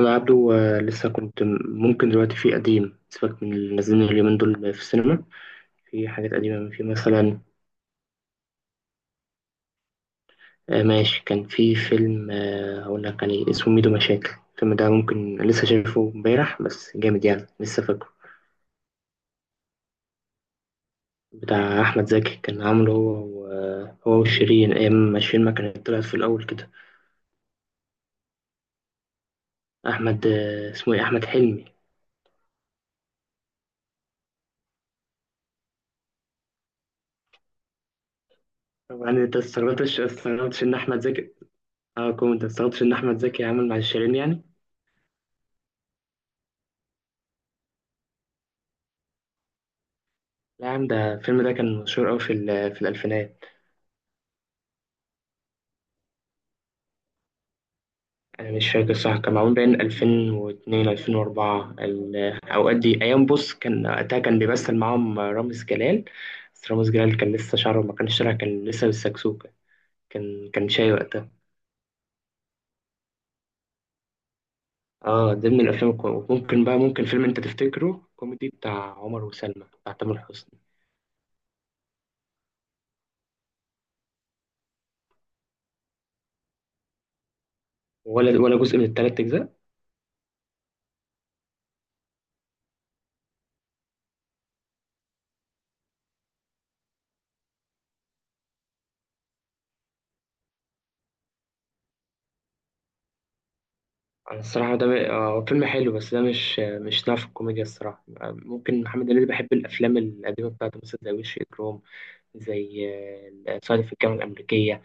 أنا عبده آه، ممكن دلوقتي في قديم. سيبك من اللي نازلين اليومين دول في السينما. في حاجات قديمة، في مثلا ماشي. كان في فيلم، هقول لك يعني، اسمه ميدو مشاكل. الفيلم ده ممكن لسه شايفه امبارح، بس جامد يعني، لسه فاكره. بتاع أحمد زكي، كان عامله هو وشيرين أيام ما شيرين ما كانت طلعت في الأول كده. أحمد، اسمه إيه، أحمد حلمي. طبعا أنت استغربتش إن أحمد زكي، أه كنت أنت استغربتش إن أحمد زكي عامل مع شيرين يعني. لا يا عم، ده الفيلم ده كان مشهور أوي في الألفينات. أنا مش فاكر صح، كان معمول بين 2002 2004 الأوقات دي. أيام بص، كان وقتها كان بيمثل معاهم رامز جلال. بس رامز جلال كان لسه شعره ما كانش طالع، كان لسه بالسكسوكة. كان شاي وقتها. اه، ده من ممكن بقى، ممكن فيلم أنت تفتكره كوميدي، بتاع عمر وسلمى بتاع تامر حسني. ولا جزء من التلات أجزاء. أنا الصراحة ده م- آه، هو فيلم حلو، بس ده مش نوع في الكوميديا الصراحة. ممكن محمد هنيدي، بحب الأفلام القديمة بتاعته، مثلا زي وش إجرام، زي صعيدي في الجامعة الأمريكية.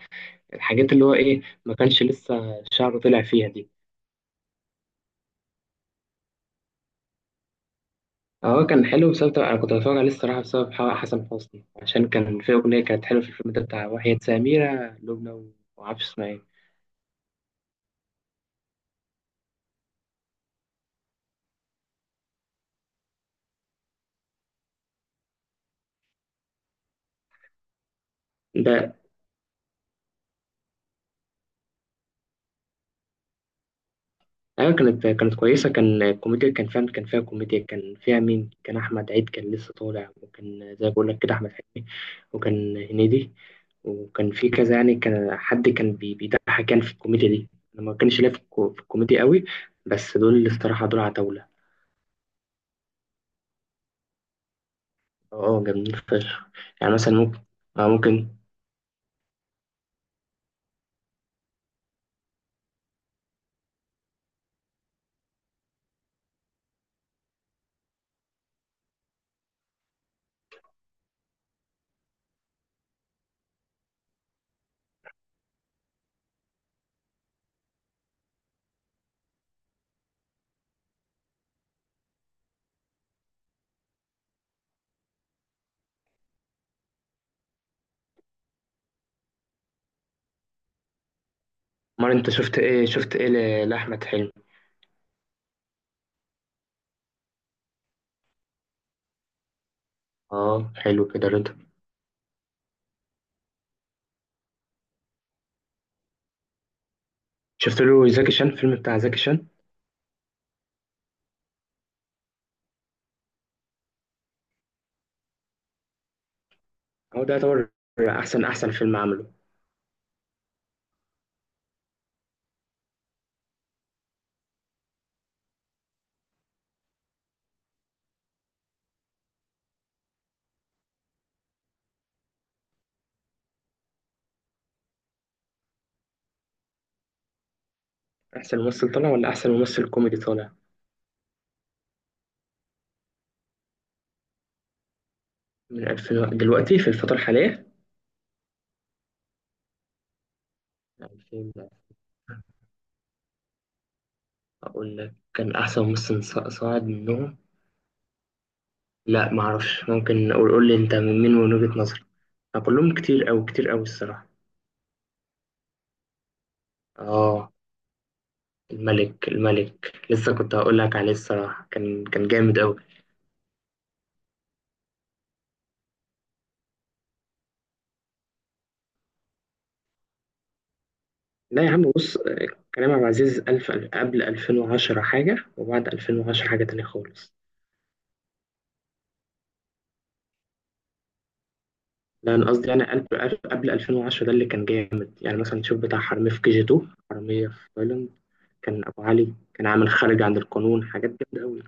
الحاجات اللي هو إيه، ما كانش لسه شعره طلع فيها دي. هو كان حلو، بسبب أنا كنت بتفرج عليه الصراحة بسبب حسن حسني، عشان كان في أغنية كانت حلوة في الفيلم ده، بتاع وحياة سميرة لبنى. ومعرفش اسمها إيه. ده ايوه، كانت كويسه. كان الكوميديا كان فيها كوميديا، كان فيها مين؟ كان احمد عيد كان لسه طالع، وكان زي ما بقول لك كده احمد حلمي، وكان هنيدي، وكان في كذا يعني. كان حد كان بيضحك يعني في الكوميديا دي. انا ما كانش ليا في الكو- في الكوميديا قوي، بس دول الصراحه دول عتاوله. اه جامدين فشخ. يعني مثلا ممكن، اه ممكن. مرة انت شفت ايه، لاحمد حلمي؟ اه، حلو كده رضا. شفت له زكي شان الفيلم بتاع زكي شان. هو ده يعتبر احسن فيلم عمله. أحسن ممثل طالع ولا أحسن ممثل كوميدي طالع؟ من 2001 دلوقتي في الفترة الحالية. 2000 لا، أقول لك كان أحسن ممثل صاعد منهم. لا معرفش، ممكن أقول، قول لي أنت من مين من وجهة نظرك. أنا كلهم كتير أوي، كتير أوي الصراحة. آه، الملك لسه كنت هقول لك عليه الصراحة، كان جامد أوي. لا يا عم بص، كريم عبد العزيز ألف قبل 2010 حاجة، وبعد 2010 حاجة تانية خالص. لا انا قصدي يعني قبل 2010 ده اللي كان جامد. يعني مثلا تشوف بتاع حرامية في كي جي 2، حرامية في تايلاند. كان ابو علي، كان عامل خارج عن القانون، حاجات جامدة قوي.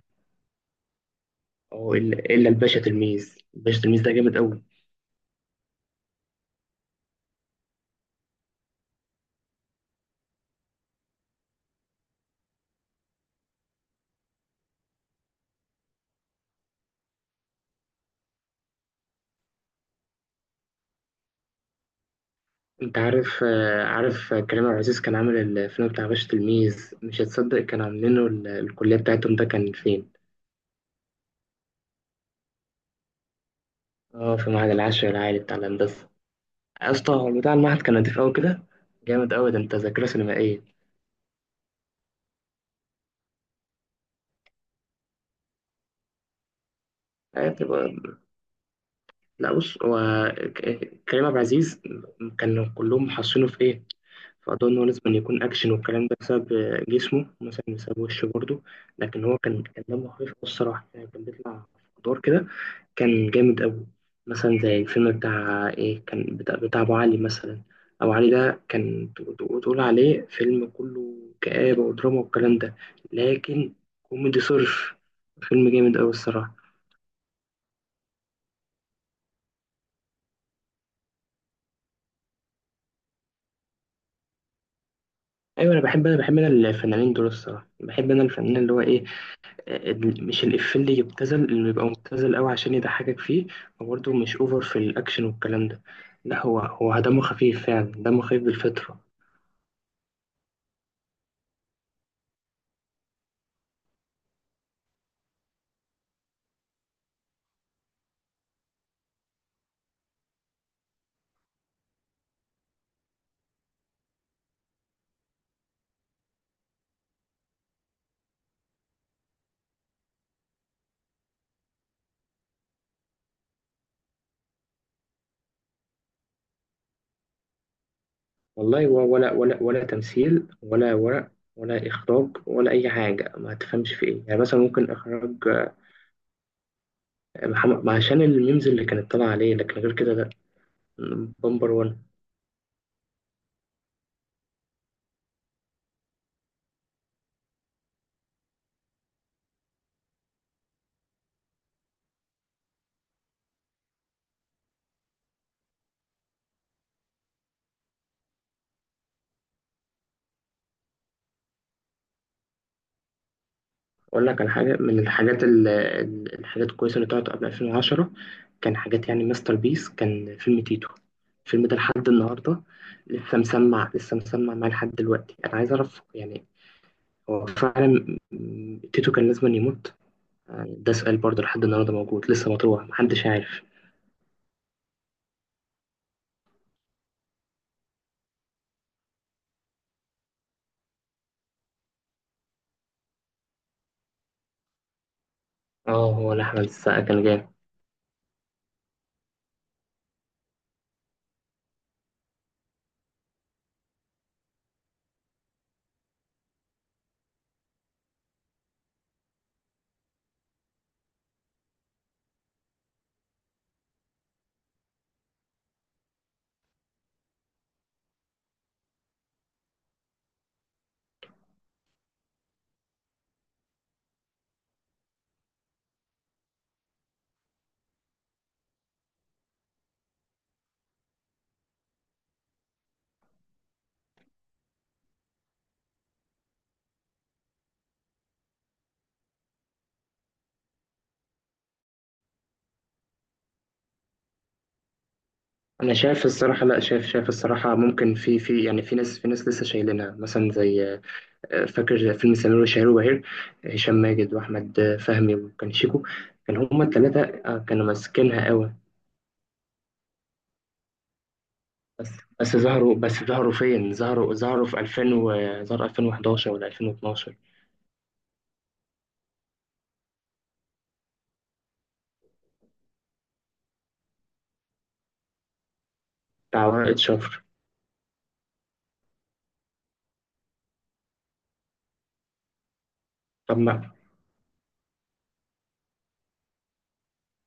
اه إلا الباشا تلميذ. الباشا تلميذ ده جامد قوي. انت عارف عارف كريم عبد العزيز كان عامل الفيلم بتاع باشا تلميذ؟ مش هتصدق، كان عاملينه الكلية بتاعتهم ده كان فين؟ اه، في معهد العاشر العالي بتاع الهندسة. يا اسطى هو بتاع المعهد كان نضيف قوي كده، جامد قوي. ده انت ذاكرة سينمائية. آه، تبقى، لا بص هو كريم عبد العزيز كانوا كلهم محصينه في ايه، في قضاء ان هو لازم يكون اكشن والكلام ده، بسبب جسمه مثلا، بسبب وشه برضه. لكن هو كان دمه خفيف أوي الصراحه يعني، كان بيطلع في ادوار كده، كان جامد قوي. مثلا زي الفيلم بتاع ايه، كان بتاع ابو علي مثلا. ابو علي ده كان تقول عليه فيلم كله كآبة ودراما والكلام ده، لكن كوميدي صرف، فيلم جامد قوي الصراحه. ايوه انا بحب، انا الفنانين دول الصراحه، بحب انا الفنان اللي هو ايه، مش الإفيه اللي يبتذل، اللي بيبقى مبتذل قوي عشان يضحكك فيه، وبرده مش اوفر في الاكشن والكلام ده. لا هو دمه خفيف فعلا، دمه خفيف بالفطره. والله هو ولا ولا تمثيل ولا ورق ولا اخراج ولا اي حاجه. ما تفهمش في ايه، يعني مثلا ممكن اخراج. محمد عشان الميمز اللي كانت طالعه عليه، لكن غير كده لا. بمبر. أقول لك على حاجة من الحاجات الكويسة اللي طلعت قبل 2010، كان حاجات يعني ماستر بيس، كان فيلم تيتو. الفيلم ده لحد النهاردة لسه مسمع معايا لحد دلوقتي. أنا عايز أعرف يعني، هو فعلا تيتو كان لازم أن يموت؟ يعني ده سؤال برضه لحد النهاردة موجود، لسه مطروح، محدش عارف. اه هو لا، أحمد السقا كان جامد. أنا شايف الصراحة، لا شايف، شايف الصراحة ممكن في، في يعني في ناس، لسه شايلينها مثلا. زي، فاكر فيلم سمير وشهير وبهير؟ هشام ماجد واحمد فهمي وكان شيكو، كان هما الثلاثه كانوا ماسكينها قوي. بس بس ظهروا فين؟ ظهروا في 2000 و... ظهر 2011 ولا 2012. بتاع ورقة شفر. طب ما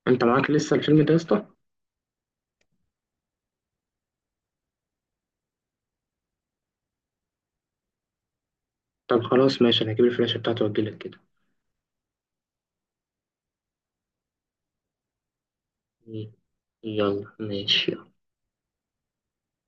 انت معاك لسه الفيلم ده يا اسطى؟ طب خلاص ماشي، انا هجيب الفلاشة بتاعته واجيلك كده. يلا ماشي.